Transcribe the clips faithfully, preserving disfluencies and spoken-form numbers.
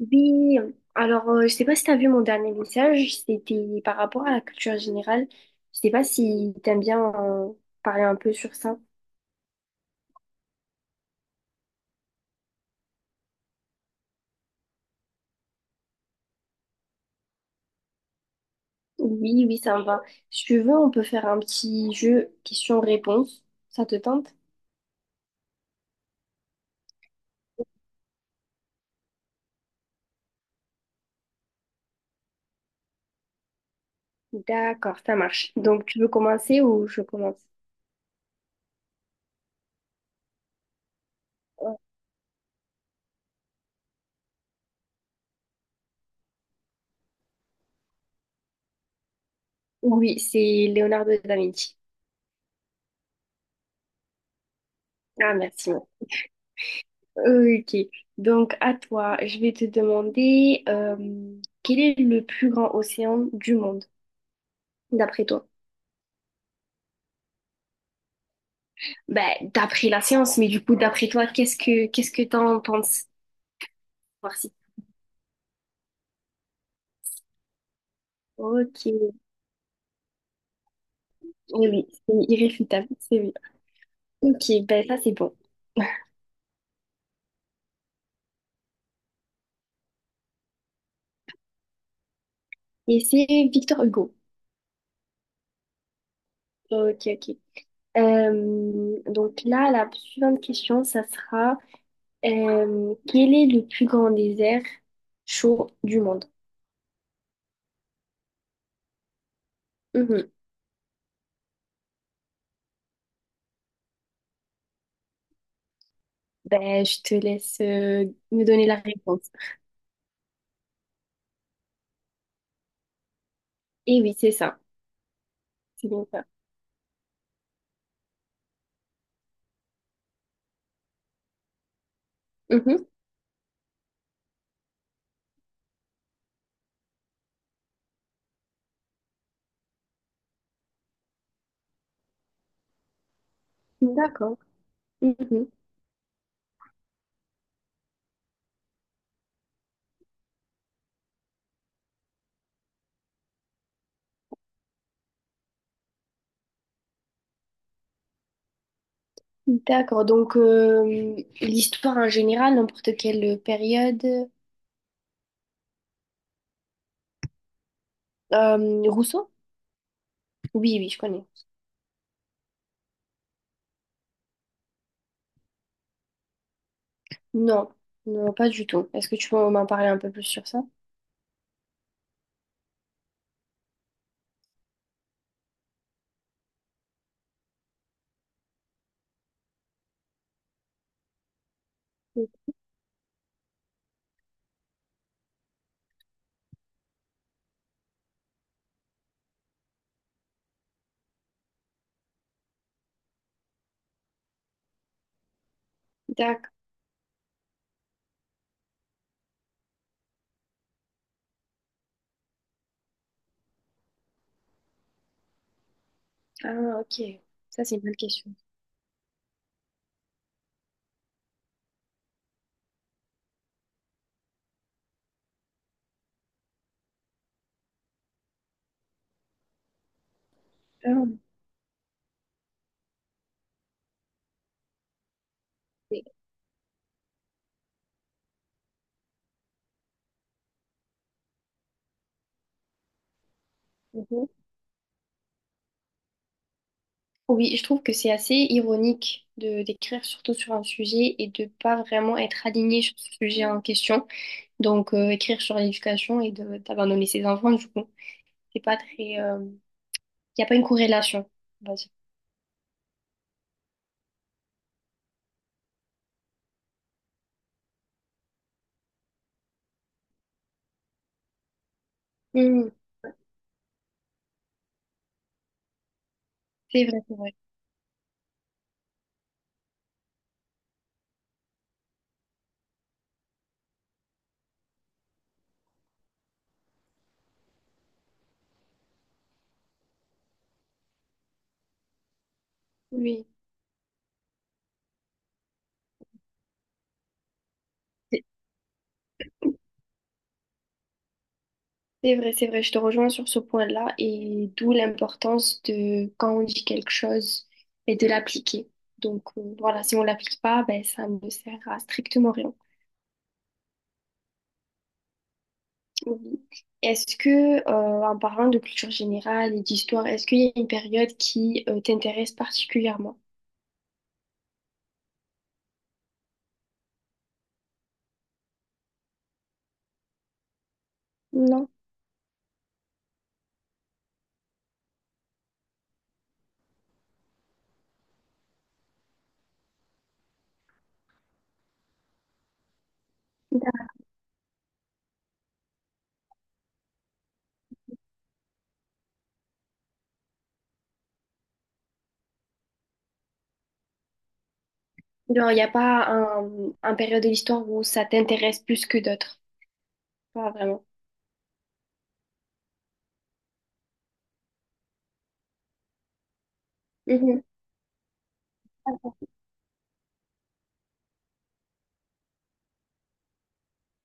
Oui, alors euh, je sais pas si tu as vu mon dernier message, c'était par rapport à la culture générale. Je sais pas si t'aimes bien euh, parler un peu sur ça. Oui, oui, ça me va. Si tu veux, on peut faire un petit jeu question-réponse. Ça te tente? D'accord, ça marche. Donc tu veux commencer ou je commence? Euh, Oui, c'est Leonardo da Vinci. Ah, merci. Ok, donc à toi, je vais te demander euh, quel est le plus grand océan du monde, d'après toi? Ben, d'après la science, mais du coup, d'après toi, qu'est-ce que qu'est-ce que t'en penses? Voir si- Ok, oui, oui, c'est irréfutable, c'est oui. Ok, ben ça c'est bon. Et c'est Victor Hugo. Ok, ok. Euh, donc là, la suivante question, ça sera euh, quel est le plus grand désert chaud du monde? Mhm. Ben, je te laisse euh, me donner la réponse. Et oui, c'est ça. C'est bien ça. Mhm. D'accord. Mhm. D'accord, donc euh, l'histoire en général, n'importe quelle période. Euh, Rousseau? Oui, oui, je connais. Non, non, pas du tout. Est-ce que tu peux m'en parler un peu plus sur ça? D'accord. Ah, ok. Ça, c'est une bonne question. Ah, ok. Mhm. Oui, je trouve que c'est assez ironique de d'écrire surtout sur un sujet et de pas vraiment être aligné sur ce sujet en question. Donc, euh, écrire sur l'éducation et de d'abandonner ses enfants, du coup, c'est pas très. euh, Il n'y a pas une corrélation, on va dire. C'est vrai, c'est vrai. Oui, c'est c'est vrai, c'est vrai. Je te rejoins sur ce point-là et d'où l'importance de quand on dit quelque chose et de l'appliquer. Donc euh, voilà, si on l'applique pas, ben ça ne sert à strictement rien. Oui. Est-ce que, euh, en parlant de culture générale et d'histoire, est-ce qu'il y a une période qui euh, t'intéresse particulièrement? Non. D'accord. Non, il n'y a pas un, un période de l'histoire où ça t'intéresse plus que d'autres. Pas vraiment. Mhm.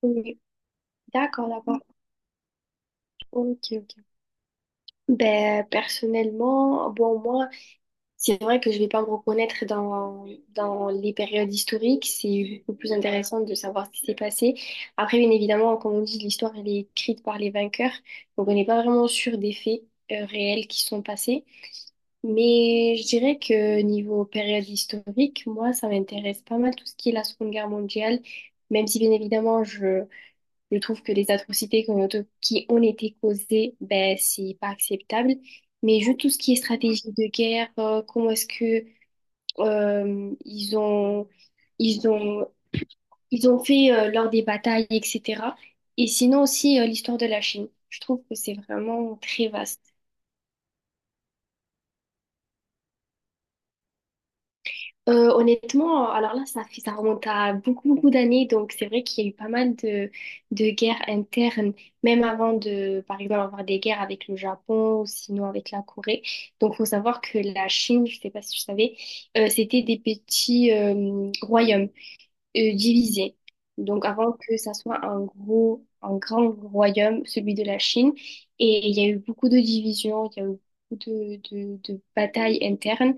Oui. D'accord, d'accord. Ok, ok. Ben, personnellement, bon, moi, c'est vrai que je vais pas me reconnaître dans, dans les périodes historiques. C'est beaucoup plus intéressant de savoir ce qui s'est passé. Après, bien évidemment, comme on dit, l'histoire, elle est écrite par les vainqueurs. Donc, on n'est pas vraiment sûr des faits, euh, réels qui sont passés. Mais je dirais que niveau période historique, moi, ça m'intéresse pas mal tout ce qui est la Seconde Guerre mondiale. Même si, bien évidemment, je, je trouve que les atrocités qui ont qui ont été causées, ben, c'est pas acceptable. Mais juste tout ce qui est stratégie de guerre, euh, comment est-ce que euh, ils ont, ils ont, ils ont fait euh, lors des batailles, et cætera. Et sinon aussi euh, l'histoire de la Chine. Je trouve que c'est vraiment très vaste. Euh, honnêtement, alors là, ça fait, ça remonte à beaucoup, beaucoup d'années. Donc, c'est vrai qu'il y a eu pas mal de, de guerres internes, même avant de, par exemple, avoir des guerres avec le Japon ou sinon avec la Corée. Donc, faut savoir que la Chine, je sais pas si je savais, euh, c'était des petits euh, royaumes euh, divisés. Donc, avant que ça soit un gros, un grand royaume, celui de la Chine. Et il y a eu beaucoup de divisions, il y a eu beaucoup de, de, de batailles internes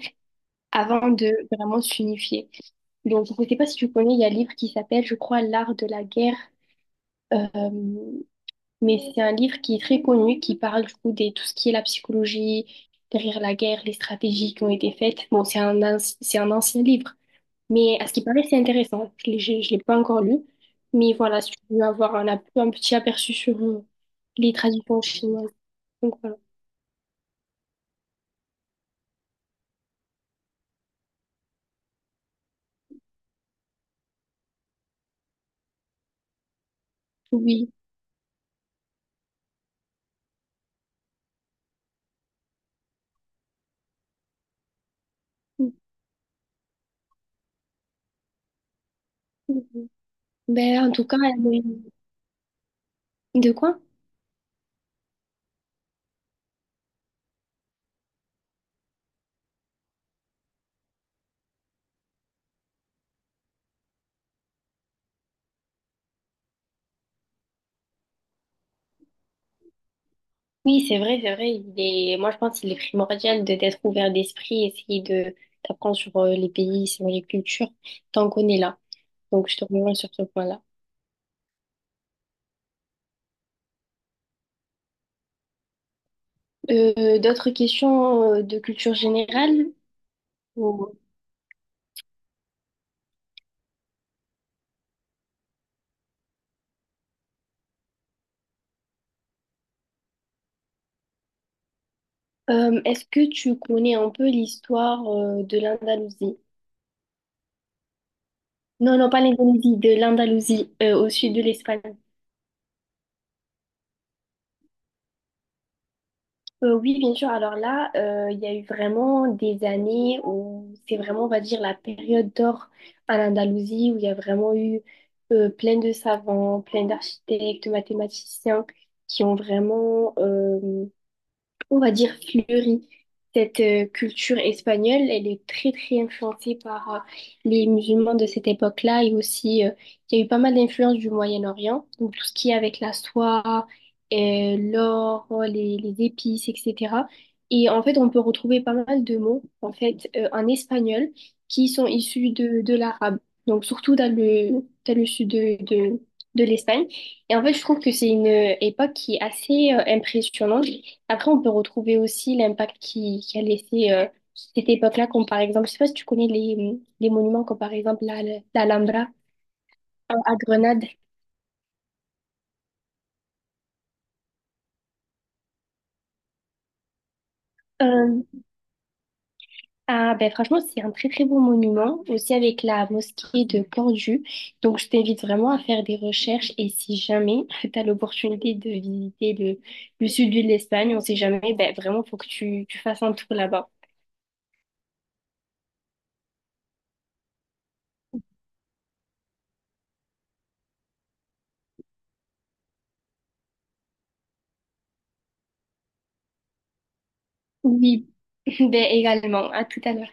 avant de vraiment s'unifier. Donc, je ne sais pas si tu connais, il y a un livre qui s'appelle, je crois, L'art de la guerre. Euh, mais c'est un livre qui est très connu, qui parle du coup de tout ce qui est la psychologie derrière la guerre, les stratégies qui ont été faites. Bon, c'est un, anci- c'est un ancien livre, mais à ce qui paraît, c'est intéressant. Je ne l'ai j'ai- je l'ai pas encore lu. Mais voilà, si tu veux avoir un, ap- un petit aperçu sur euh, les traditions chinoises. Donc voilà. Oui. Mhm. Ben, en tout cas, euh, de quoi? Oui, c'est vrai, c'est vrai. Il est... Moi, je pense qu'il est primordial de d'être ouvert d'esprit, essayer de d'apprendre sur euh, les pays, sur les cultures, tant qu'on est là. Donc, je te rejoins sur ce point-là. Euh, d'autres questions euh, de culture générale? Ou- Euh, est-ce que tu connais un peu l'histoire euh, de l'Andalousie? Non, non, pas l'Indonésie, de l'Andalousie, euh, au sud de l'Espagne. Euh, oui, bien sûr. Alors là, euh, il y a eu vraiment des années où c'est vraiment, on va dire, la période d'or en Andalousie, où il y a vraiment eu euh, plein de savants, plein d'architectes, mathématiciens qui ont vraiment euh, on va dire, fleurie. Cette euh, culture espagnole, elle est très très influencée par euh, les musulmans de cette époque-là et aussi euh, il y a eu pas mal d'influences du Moyen-Orient, donc tout ce qui est avec la soie, euh, l'or, les, les épices, et cætera. Et en fait, on peut retrouver pas mal de mots en fait euh, en espagnol qui sont issus de, de l'arabe, donc surtout dans le, dans le sud de, de, de l'Espagne. Et en fait, je trouve que c'est une euh, époque qui est assez euh, impressionnante après, on peut retrouver aussi l'impact qui, qui a laissé euh, cette époque-là, comme par exemple, je sais pas si tu connais les, les monuments, comme par exemple la, l'Alhambra euh, à Grenade. Euh, ah, ben, franchement, c'est un très très beau monument, aussi avec la mosquée de Cordoue. Donc, je t'invite vraiment à faire des recherches et si jamais tu as l'opportunité de visiter le, le sud de l'Espagne, on sait jamais, ben, vraiment, faut que tu, tu fasses un tour là-bas. Oui, ben, également. À tout à l'heure.